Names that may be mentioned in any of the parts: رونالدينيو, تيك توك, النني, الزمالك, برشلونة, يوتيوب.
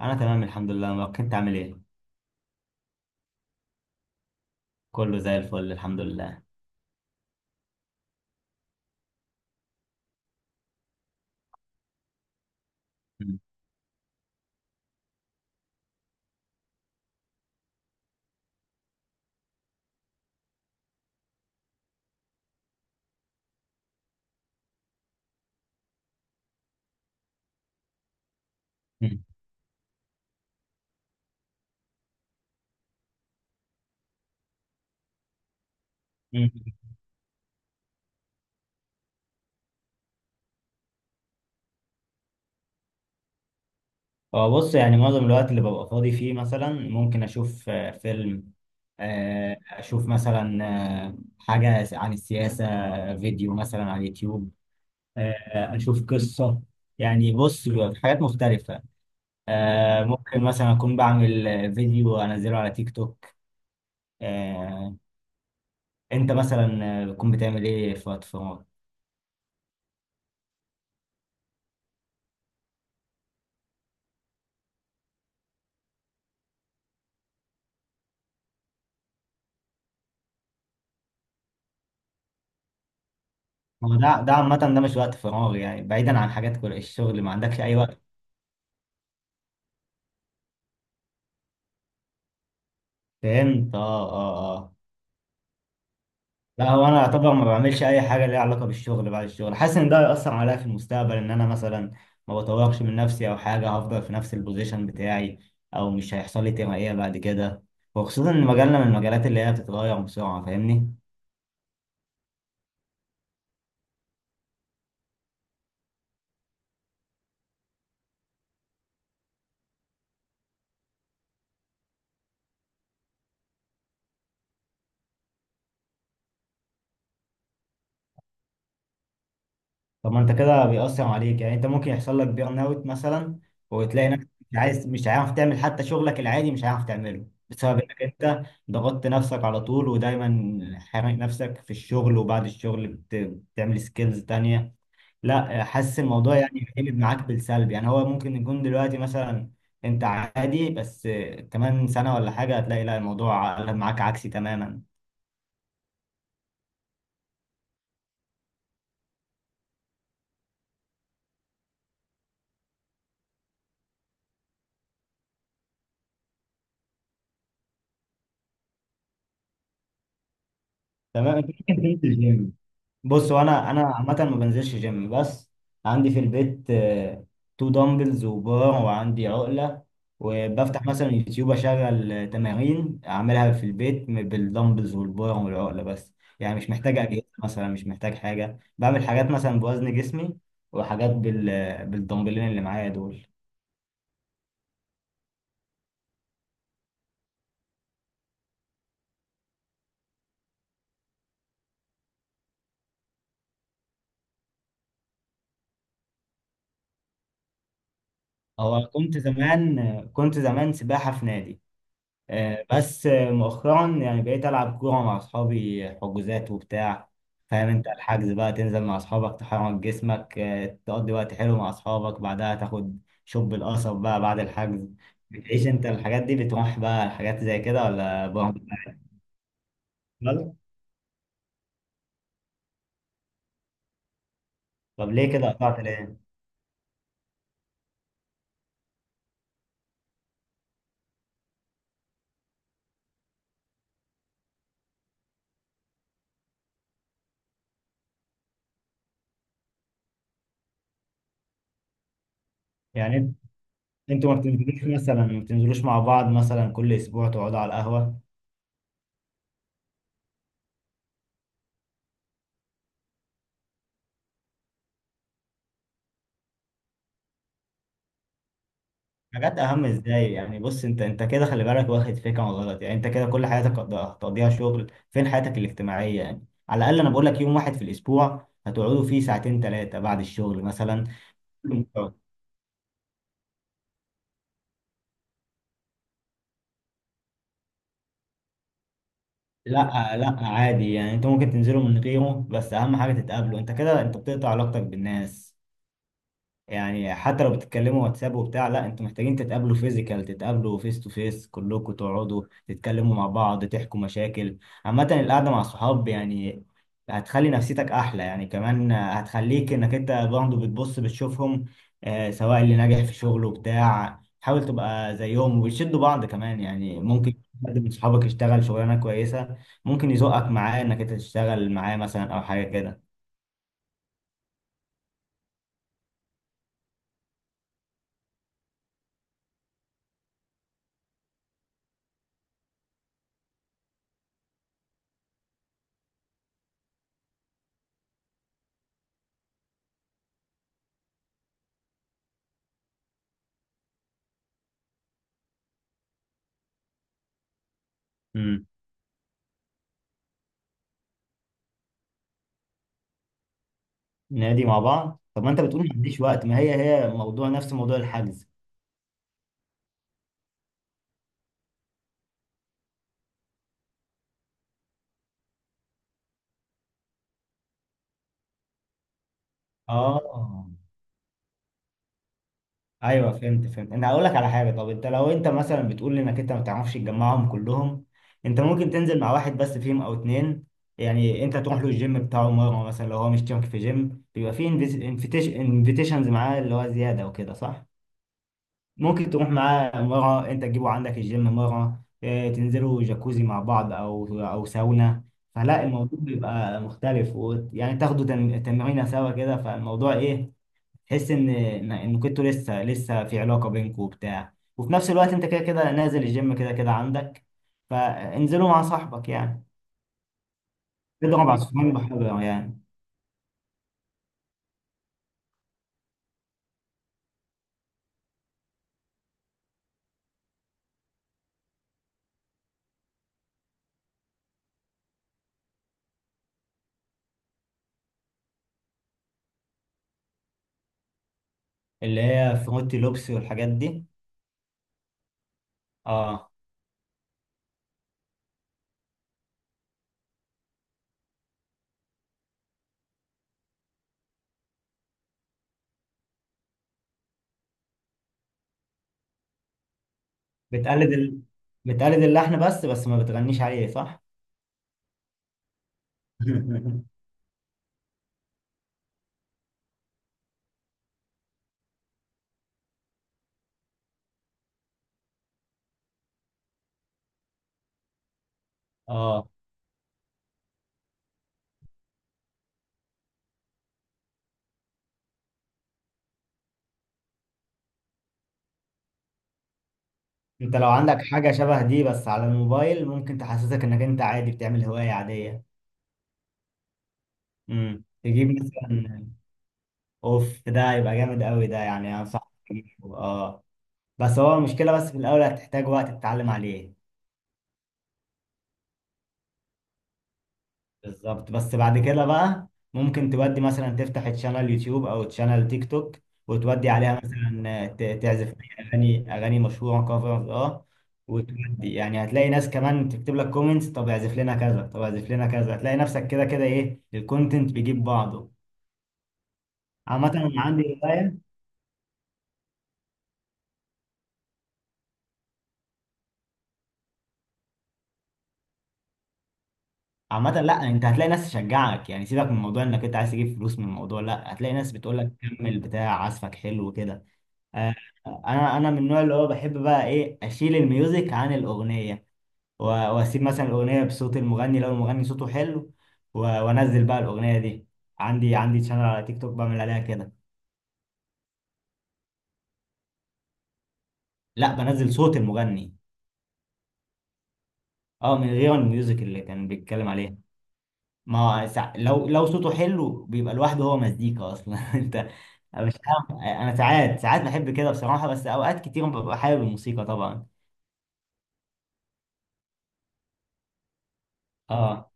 انا تمام الحمد لله. ما كنت عامل ايه؟ كله زي الفل الحمد لله. مم. مم. مم. هو بص، يعني معظم الوقت اللي ببقى فاضي فيه مثلا ممكن اشوف فيلم، اشوف مثلا حاجة عن السياسة، فيديو مثلا على اليوتيوب، آه، اشوف قصة. يعني بص بيبقى في حاجات مختلفة، ممكن مثلا اكون بعمل فيديو انزله على تيك توك. آه، انت مثلا بتكون بتعمل ايه في وقت فراغك؟ هو ده عامة ده مش وقت فراغ، يعني بعيدا عن حاجات كل الشغل، ما عندكش أي وقت؟ فهمت. اه اه اه. لا، هو أنا أعتبر ما بعملش أي حاجة ليها علاقة بالشغل بعد الشغل، حاسس إن ده هيأثر عليا في المستقبل، إن أنا مثلا ما بطورش من نفسي أو حاجة، هفضل في نفس البوزيشن بتاعي، أو مش هيحصل لي ترقية بعد كده، وخصوصا إن مجالنا من المجالات اللي هي بتتغير بسرعة. فاهمني؟ طب ما انت كده بيأثر عليك، يعني انت ممكن يحصل لك بيرن اوت مثلا، وتلاقي نفسك مش عايز، مش عارف تعمل حتى شغلك العادي، مش عارف تعمله بسبب انك انت ضغطت نفسك على طول ودايما حارق نفسك في الشغل، وبعد الشغل بتعمل سكيلز تانية. لا حاسس الموضوع يعني قلب معاك بالسلب، يعني هو ممكن يكون دلوقتي مثلا انت عادي، بس كمان سنة ولا حاجة هتلاقي لا الموضوع قلب معاك عكسي تماما. تمام. انت ممكن تنزل جيم. بص، وانا عامه ما بنزلش جيم، بس عندي في البيت تو دمبلز وبار وعندي عقله، وبفتح مثلا يوتيوب اشغل تمارين اعملها في البيت بالدمبلز والبار والعقله بس. يعني مش محتاج اجهزه مثلا، مش محتاج حاجه، بعمل حاجات مثلا بوزن جسمي وحاجات بالدمبلين اللي معايا دول. هو كنت زمان، كنت زمان سباحه في نادي، بس مؤخرا يعني بقيت ألعب كورة مع أصحابي، حجوزات وبتاع. فاهم أنت؟ الحجز بقى تنزل مع أصحابك، تحرك جسمك، تقضي وقت حلو مع أصحابك، بعدها تاخد شوب القصب بقى بعد الحجز. بتعيش أنت الحاجات دي؟ بتروح بقى الحاجات زي كده ولا برضه بتفضل؟ طب ليه كده قطعت ليه؟ يعني انت- أنتوا ما بتنزلوش مثلا، ما بتنزلوش مع بعض مثلا كل أسبوع تقعدوا على القهوة؟ حاجات اهم ازاي يعني؟ بص، انت كده خلي بالك، واخد فكره غلط. يعني انت كده كل حياتك هتقضيها شغل، فين حياتك الاجتماعيه؟ يعني على الاقل انا بقول لك يوم واحد في الاسبوع هتقعدوا فيه ساعتين ثلاثه بعد الشغل مثلا. لا لا عادي، يعني انتوا ممكن تنزلوا من غيره، بس اهم حاجه تتقابلوا. انت كده انت بتقطع علاقتك بالناس، يعني حتى لو بتتكلموا واتساب وبتاع، لا انتوا محتاجين تتقابلوا فيزيكال، تتقابلوا فيس تو فيس كلكم، تقعدوا تتكلموا مع بعض، تحكوا مشاكل. عامة القعدة مع الصحاب يعني هتخلي نفسيتك احلى، يعني كمان هتخليك انك انت برضه بتبص بتشوفهم، آه، سواء اللي ناجح في شغله بتاع حاول تبقى زيهم، وبتشدوا بعض. كمان يعني ممكن حد من صحابك يشتغل شغلانة كويسة، ممكن يزقك معاه انك انت تشتغل معاه مثلا او حاجة كده. نادي مع بعض؟ طب ما انت بتقول ما عنديش وقت، ما هي موضوع نفس موضوع الحجز. اه. ايوه، فهمت فهمت. انا هقول لك على حاجه. طب انت لو انت مثلا بتقول انك انت ما تعرفش تجمعهم كلهم، انت ممكن تنزل مع واحد بس فيهم او اتنين. يعني انت تروح له الجيم بتاعه مره مثلا، لو هو مش مشترك في جيم بيبقى فيه انفيتيشنز معاه اللي هو زياده وكده، صح؟ ممكن تروح معاه مرة، انت تجيبه عندك الجيم مرة، اه، تنزلوا جاكوزي مع بعض او ساونا. فلا الموضوع بيبقى مختلف، ويعني تاخدوا تمرينة سوا كده. فالموضوع ايه؟ تحس ان إن كنتوا لسه لسه في علاقة بينكم وبتاع، وفي نفس الوقت انت كده كده نازل الجيم، كده كده عندك، فانزلوا مع صاحبك يعني. تضرب عصفورين بحجر يعني. اللي هي فروتي لوبسي والحاجات دي. اه، بتقلد بتقلد اللحن، بس ما بتغنيش عليه صح؟ اه، انت لو عندك حاجة شبه دي بس على الموبايل ممكن تحسسك انك انت عادي بتعمل هواية عادية. امم، تجيب مثلا. اوف، ده يبقى جامد قوي، ده يعني انصحك تجيبه. اه، بس هو المشكلة بس في الاول هتحتاج وقت تتعلم عليه. بالظبط. بس بعد كده بقى ممكن تودي مثلا تفتح تشانل يوتيوب او تشانل تيك توك، وتودي عليها مثلا تعزف اغاني، اغاني مشهوره، كفرز اه، وتودي يعني هتلاقي ناس كمان تكتب لك كومنتس، طب اعزف لنا كذا طب اعزف لنا كذا، هتلاقي نفسك كده كده ايه الكونتنت بيجيب بعضه. عامة انا عندي هواية. عامة لا، انت هتلاقي ناس تشجعك. يعني سيبك من موضوع انك انت عايز تجيب فلوس من الموضوع، لا هتلاقي ناس بتقول لك كمل، بتاع عزفك حلو كده. آه، انا من النوع اللي هو بحب بقى ايه اشيل الميوزك عن الاغنيه، واسيب مثلا الاغنيه بصوت المغني لو المغني صوته حلو، وانزل بقى الاغنيه دي. عندي شانل على تيك توك بعمل عليها كده. لا، بنزل صوت المغني. اه، من غير الميوزك اللي كان بيتكلم عليها. ما هو لو صوته حلو بيبقى لوحده، هو مزيكا اصلا. انت مش فاهم، انا ساعات بحب كده بصراحه، بس اوقات كتير ببقى حابب الموسيقى طبعا. اه.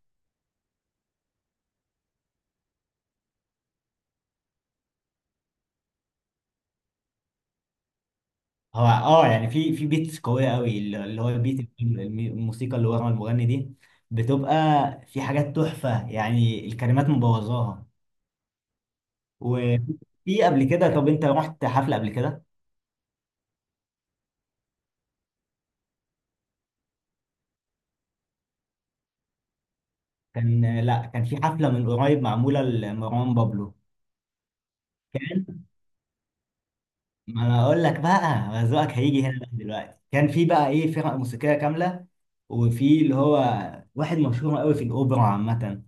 هو اه يعني في بيتس قويه قوي، اللي هو بيت الموسيقى اللي ورا المغني دي بتبقى، في حاجات تحفه يعني الكلمات مبوظاها. وفي قبل كده، طب انت رحت حفله قبل كده؟ كان لا كان في حفله من قريب معموله لمروان بابلو. ما انا اقول لك بقى، ما ذوقك هيجي هنا بقى. دلوقتي كان في بقى ايه فرق موسيقيه كامله، وفي اللي هو واحد مشهور قوي في الاوبرا عامه،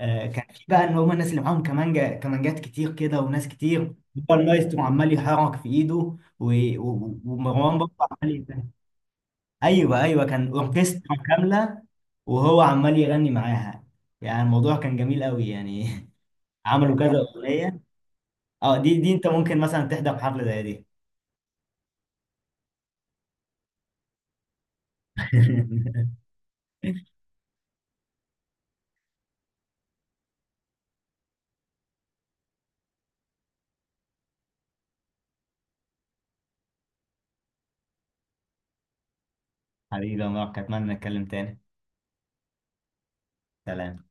آه كان في بقى ان هم الناس اللي معاهم كمانجا، كمانجات كتير كده وناس كتير، هو المايسترو عمال يحرك في ايده، ومروان بابا عمال يغني. ايوه ايوه كان اوركسترا كامله وهو عمال يغني معاها، يعني الموضوع كان جميل قوي يعني. عملوا كذا اغنيه. اه، دي دي انت ممكن مثلا تحضر حفله زي دي. حبيبي يا مروان، أتمنى نتكلم تاني. سلام.